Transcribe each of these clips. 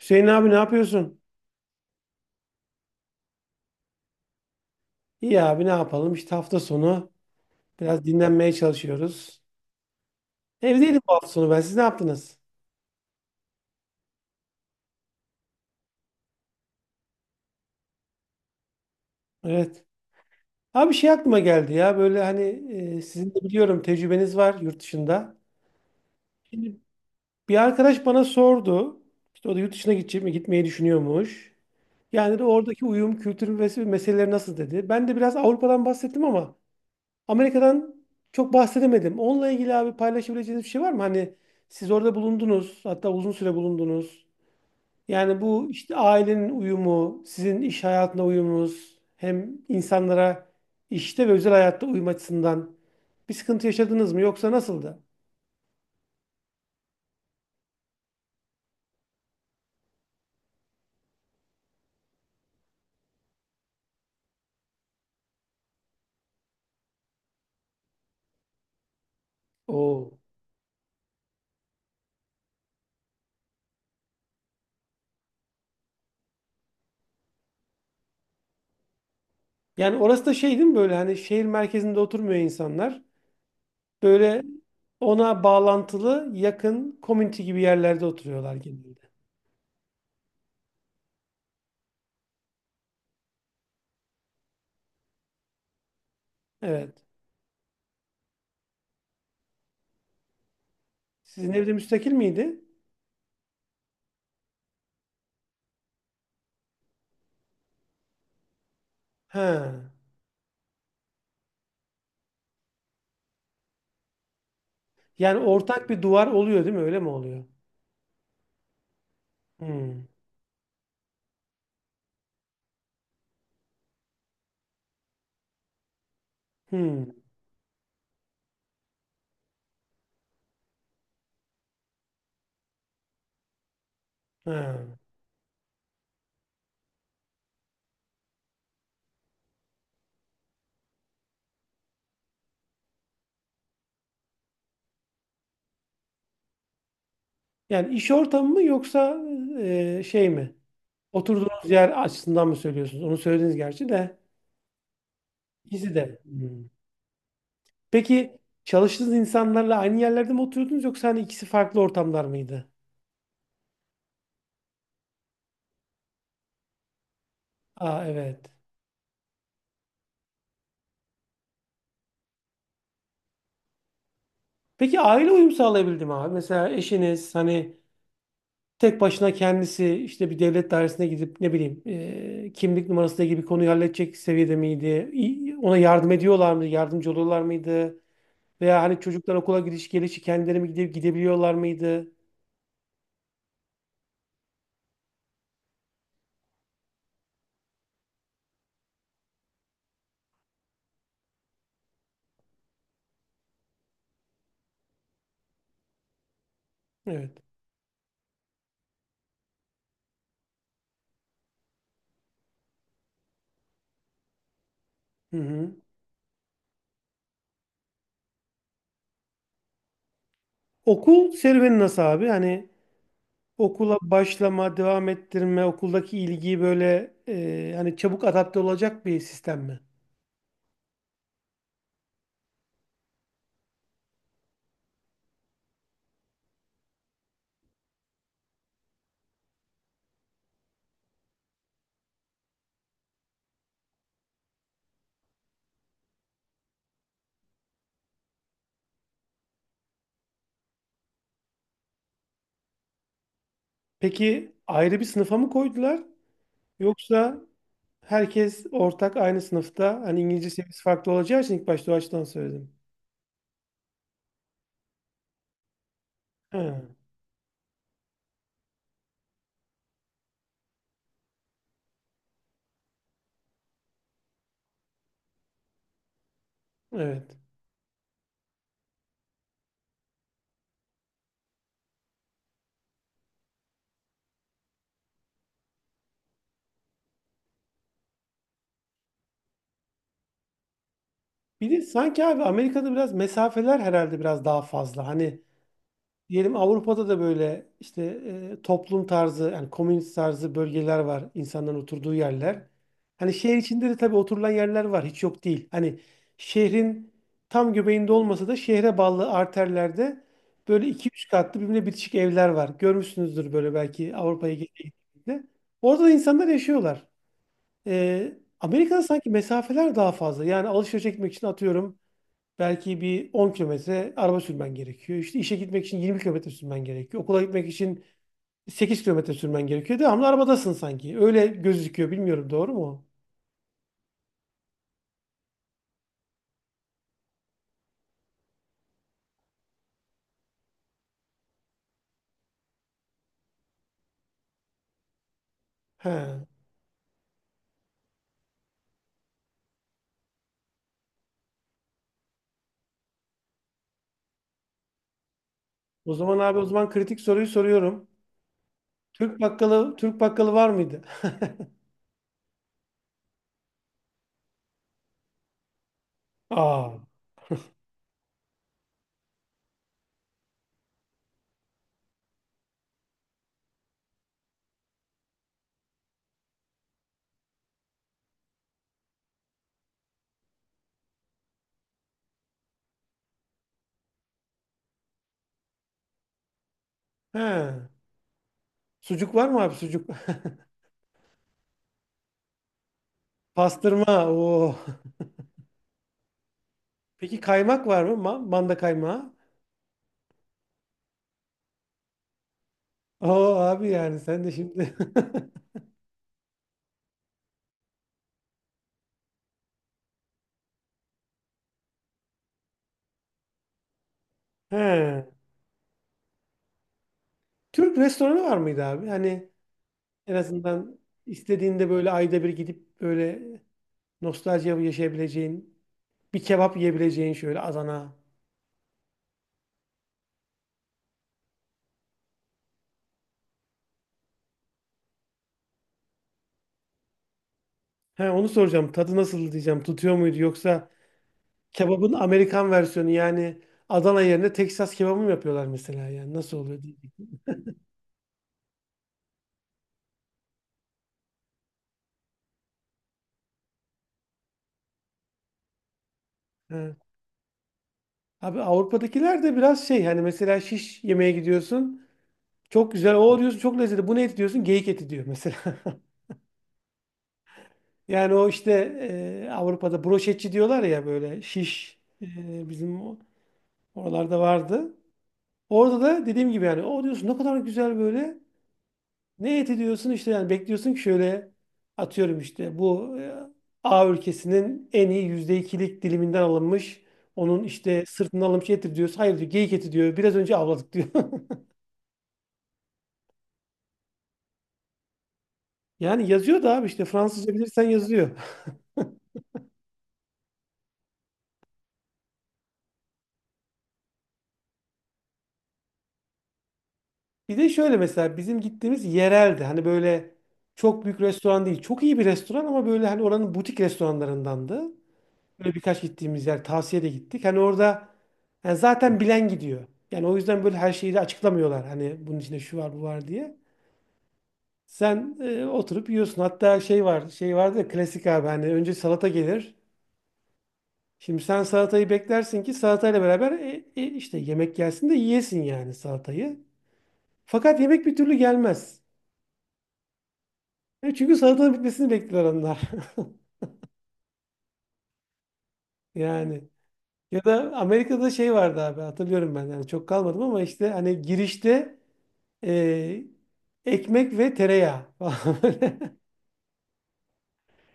Hüseyin abi ne yapıyorsun? İyi abi ne yapalım? İşte hafta sonu biraz dinlenmeye çalışıyoruz. Evdeydim bu hafta sonu ben. Siz ne yaptınız? Evet. Abi bir şey aklıma geldi ya böyle hani sizin de biliyorum tecrübeniz var yurt dışında. Şimdi bir arkadaş bana sordu. İşte o da yurt dışına gidecek mi? Gitmeyi düşünüyormuş. Yani de oradaki uyum, kültür ve meseleleri nasıl dedi. Ben de biraz Avrupa'dan bahsettim ama Amerika'dan çok bahsedemedim. Onunla ilgili abi paylaşabileceğiniz bir şey var mı? Hani siz orada bulundunuz, hatta uzun süre bulundunuz. Yani bu işte ailenin uyumu, sizin iş hayatına uyumunuz, hem insanlara işte ve özel hayatta uyum açısından bir sıkıntı yaşadınız mı yoksa nasıldı? Oo. Yani orası da şey değil mi böyle hani şehir merkezinde oturmuyor insanlar. Böyle ona bağlantılı yakın community gibi yerlerde oturuyorlar genelde. Evet. Sizin evde müstakil miydi? He. Yani ortak bir duvar oluyor değil mi? Öyle mi oluyor? Hmm. Hmm. He. Yani iş ortamı mı yoksa şey mi? Oturduğunuz yer açısından mı söylüyorsunuz? Onu söylediniz gerçi de. İkisi de. Hmm. Peki çalıştığınız insanlarla aynı yerlerde mi oturuyordunuz yoksa hani ikisi farklı ortamlar mıydı? Aa, evet. Peki aile uyum sağlayabildi mi abi? Mesela eşiniz hani tek başına kendisi işte bir devlet dairesine gidip ne bileyim kimlik numarası gibi konuyu halledecek seviyede miydi? Ona yardım ediyorlar mıydı? Yardımcı oluyorlar mıydı? Veya hani çocuklar okula gidiş gelişi kendileri mi gidip gidebiliyorlar mıydı? Evet. Hı hı. Okul serüveni nasıl abi? Hani okula başlama, devam ettirme, okuldaki ilgiyi böyle hani çabuk adapte olacak bir sistem mi? Peki ayrı bir sınıfa mı koydular? Yoksa herkes ortak aynı sınıfta hani İngilizce seviyesi farklı olacağı için ilk başta o açıdan söyledim. Ha, evet. Bir de sanki abi Amerika'da biraz mesafeler herhalde biraz daha fazla. Hani diyelim Avrupa'da da böyle işte toplum tarzı yani komünist tarzı bölgeler var. İnsanların oturduğu yerler. Hani şehir içinde de tabii oturulan yerler var. Hiç yok değil. Hani şehrin tam göbeğinde olmasa da şehre bağlı arterlerde böyle iki üç katlı birbirine bitişik evler var. Görmüşsünüzdür böyle belki Avrupa'ya gittiğinizde. Orada da insanlar yaşıyorlar. E, Amerika'da sanki mesafeler daha fazla. Yani alışveriş etmek için atıyorum belki bir 10 kilometre araba sürmen gerekiyor. İşte işe gitmek için 20 kilometre sürmen gerekiyor. Okula gitmek için 8 kilometre sürmen gerekiyor. Devamlı arabadasın sanki. Öyle gözüküyor. Bilmiyorum doğru mu? He. O zaman abi o zaman kritik soruyu soruyorum. Türk bakkalı Türk bakkalı var mıydı? Aa. He. Sucuk var mı abi sucuk? Pastırma. Oo. Peki kaymak var mı? Manda kaymağı. Oo abi yani sen de şimdi. He. Türk restoranı var mıydı abi? Hani en azından istediğinde böyle ayda bir gidip böyle nostalji yaşayabileceğin, bir kebap yiyebileceğin şöyle Adana. He, onu soracağım. Tadı nasıl diyeceğim. Tutuyor muydu yoksa kebabın Amerikan versiyonu yani Adana yerine Texas kebabı mı yapıyorlar mesela yani nasıl oluyor diye. He. Abi Avrupa'dakiler de biraz şey hani mesela şiş yemeye gidiyorsun. Çok güzel o diyorsun çok lezzetli. Bu ne eti diyorsun? Geyik eti diyor mesela. Yani o işte Avrupa'da broşetçi diyorlar ya böyle şiş. E, bizim o oralarda vardı. Orada da dediğim gibi yani o diyorsun ne kadar güzel böyle. Ne eti diyorsun işte yani bekliyorsun ki şöyle atıyorum işte bu A ülkesinin en iyi %2'lik diliminden alınmış. Onun işte sırtından alınmış eti diyorsun. Hayır diyor geyik eti diyor. Biraz önce avladık diyor. Yani yazıyor da abi işte Fransızca bilirsen yazıyor. Bir de şöyle mesela bizim gittiğimiz yereldi. Hani böyle çok büyük restoran değil. Çok iyi bir restoran ama böyle hani oranın butik restoranlarındandı. Böyle birkaç gittiğimiz yer tavsiye de gittik. Hani orada yani zaten bilen gidiyor. Yani o yüzden böyle her şeyi de açıklamıyorlar. Hani bunun içinde şu var bu var diye. Sen oturup yiyorsun. Hatta şey var şey vardı ya klasik abi hani önce salata gelir. Şimdi sen salatayı beklersin ki salatayla beraber işte yemek gelsin de yiyesin yani salatayı. Fakat yemek bir türlü gelmez. E, çünkü salatanın bitmesini bekliyor onlar. Yani ya da Amerika'da şey vardı abi hatırlıyorum ben. Yani çok kalmadım ama işte hani girişte Ee, ekmek ve tereyağı falan böyle.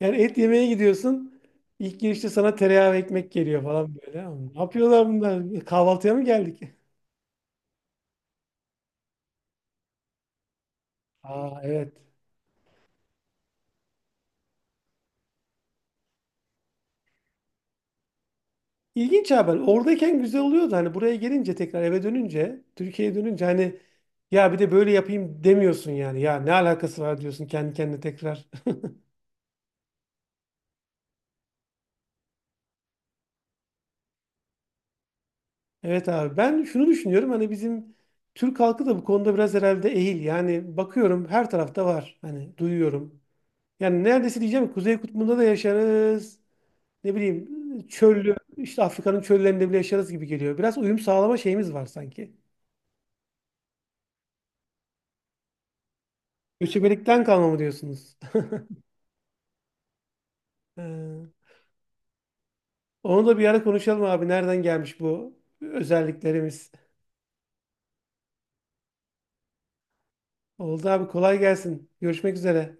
Yani et yemeye gidiyorsun. İlk girişte sana tereyağı ve ekmek geliyor falan böyle. Ne yapıyorlar bunlar? E, kahvaltıya mı geldik? Aa, evet. İlginç haber. Oradayken güzel oluyordu. Hani buraya gelince tekrar eve dönünce, Türkiye'ye dönünce hani ya bir de böyle yapayım demiyorsun yani. Ya ne alakası var diyorsun kendi kendine tekrar. Evet abi ben şunu düşünüyorum hani bizim Türk halkı da bu konuda biraz herhalde ehil. Yani bakıyorum her tarafta var. Hani duyuyorum. Yani neredeyse diyeceğim ki Kuzey Kutbu'nda da yaşarız. Ne bileyim çöllü işte Afrika'nın çöllerinde bile yaşarız gibi geliyor. Biraz uyum sağlama şeyimiz var sanki. Göçebelikten kalma mı diyorsunuz? Ee, Onu da bir ara konuşalım abi. Nereden gelmiş bu özelliklerimiz? Oldu abi kolay gelsin. Görüşmek üzere.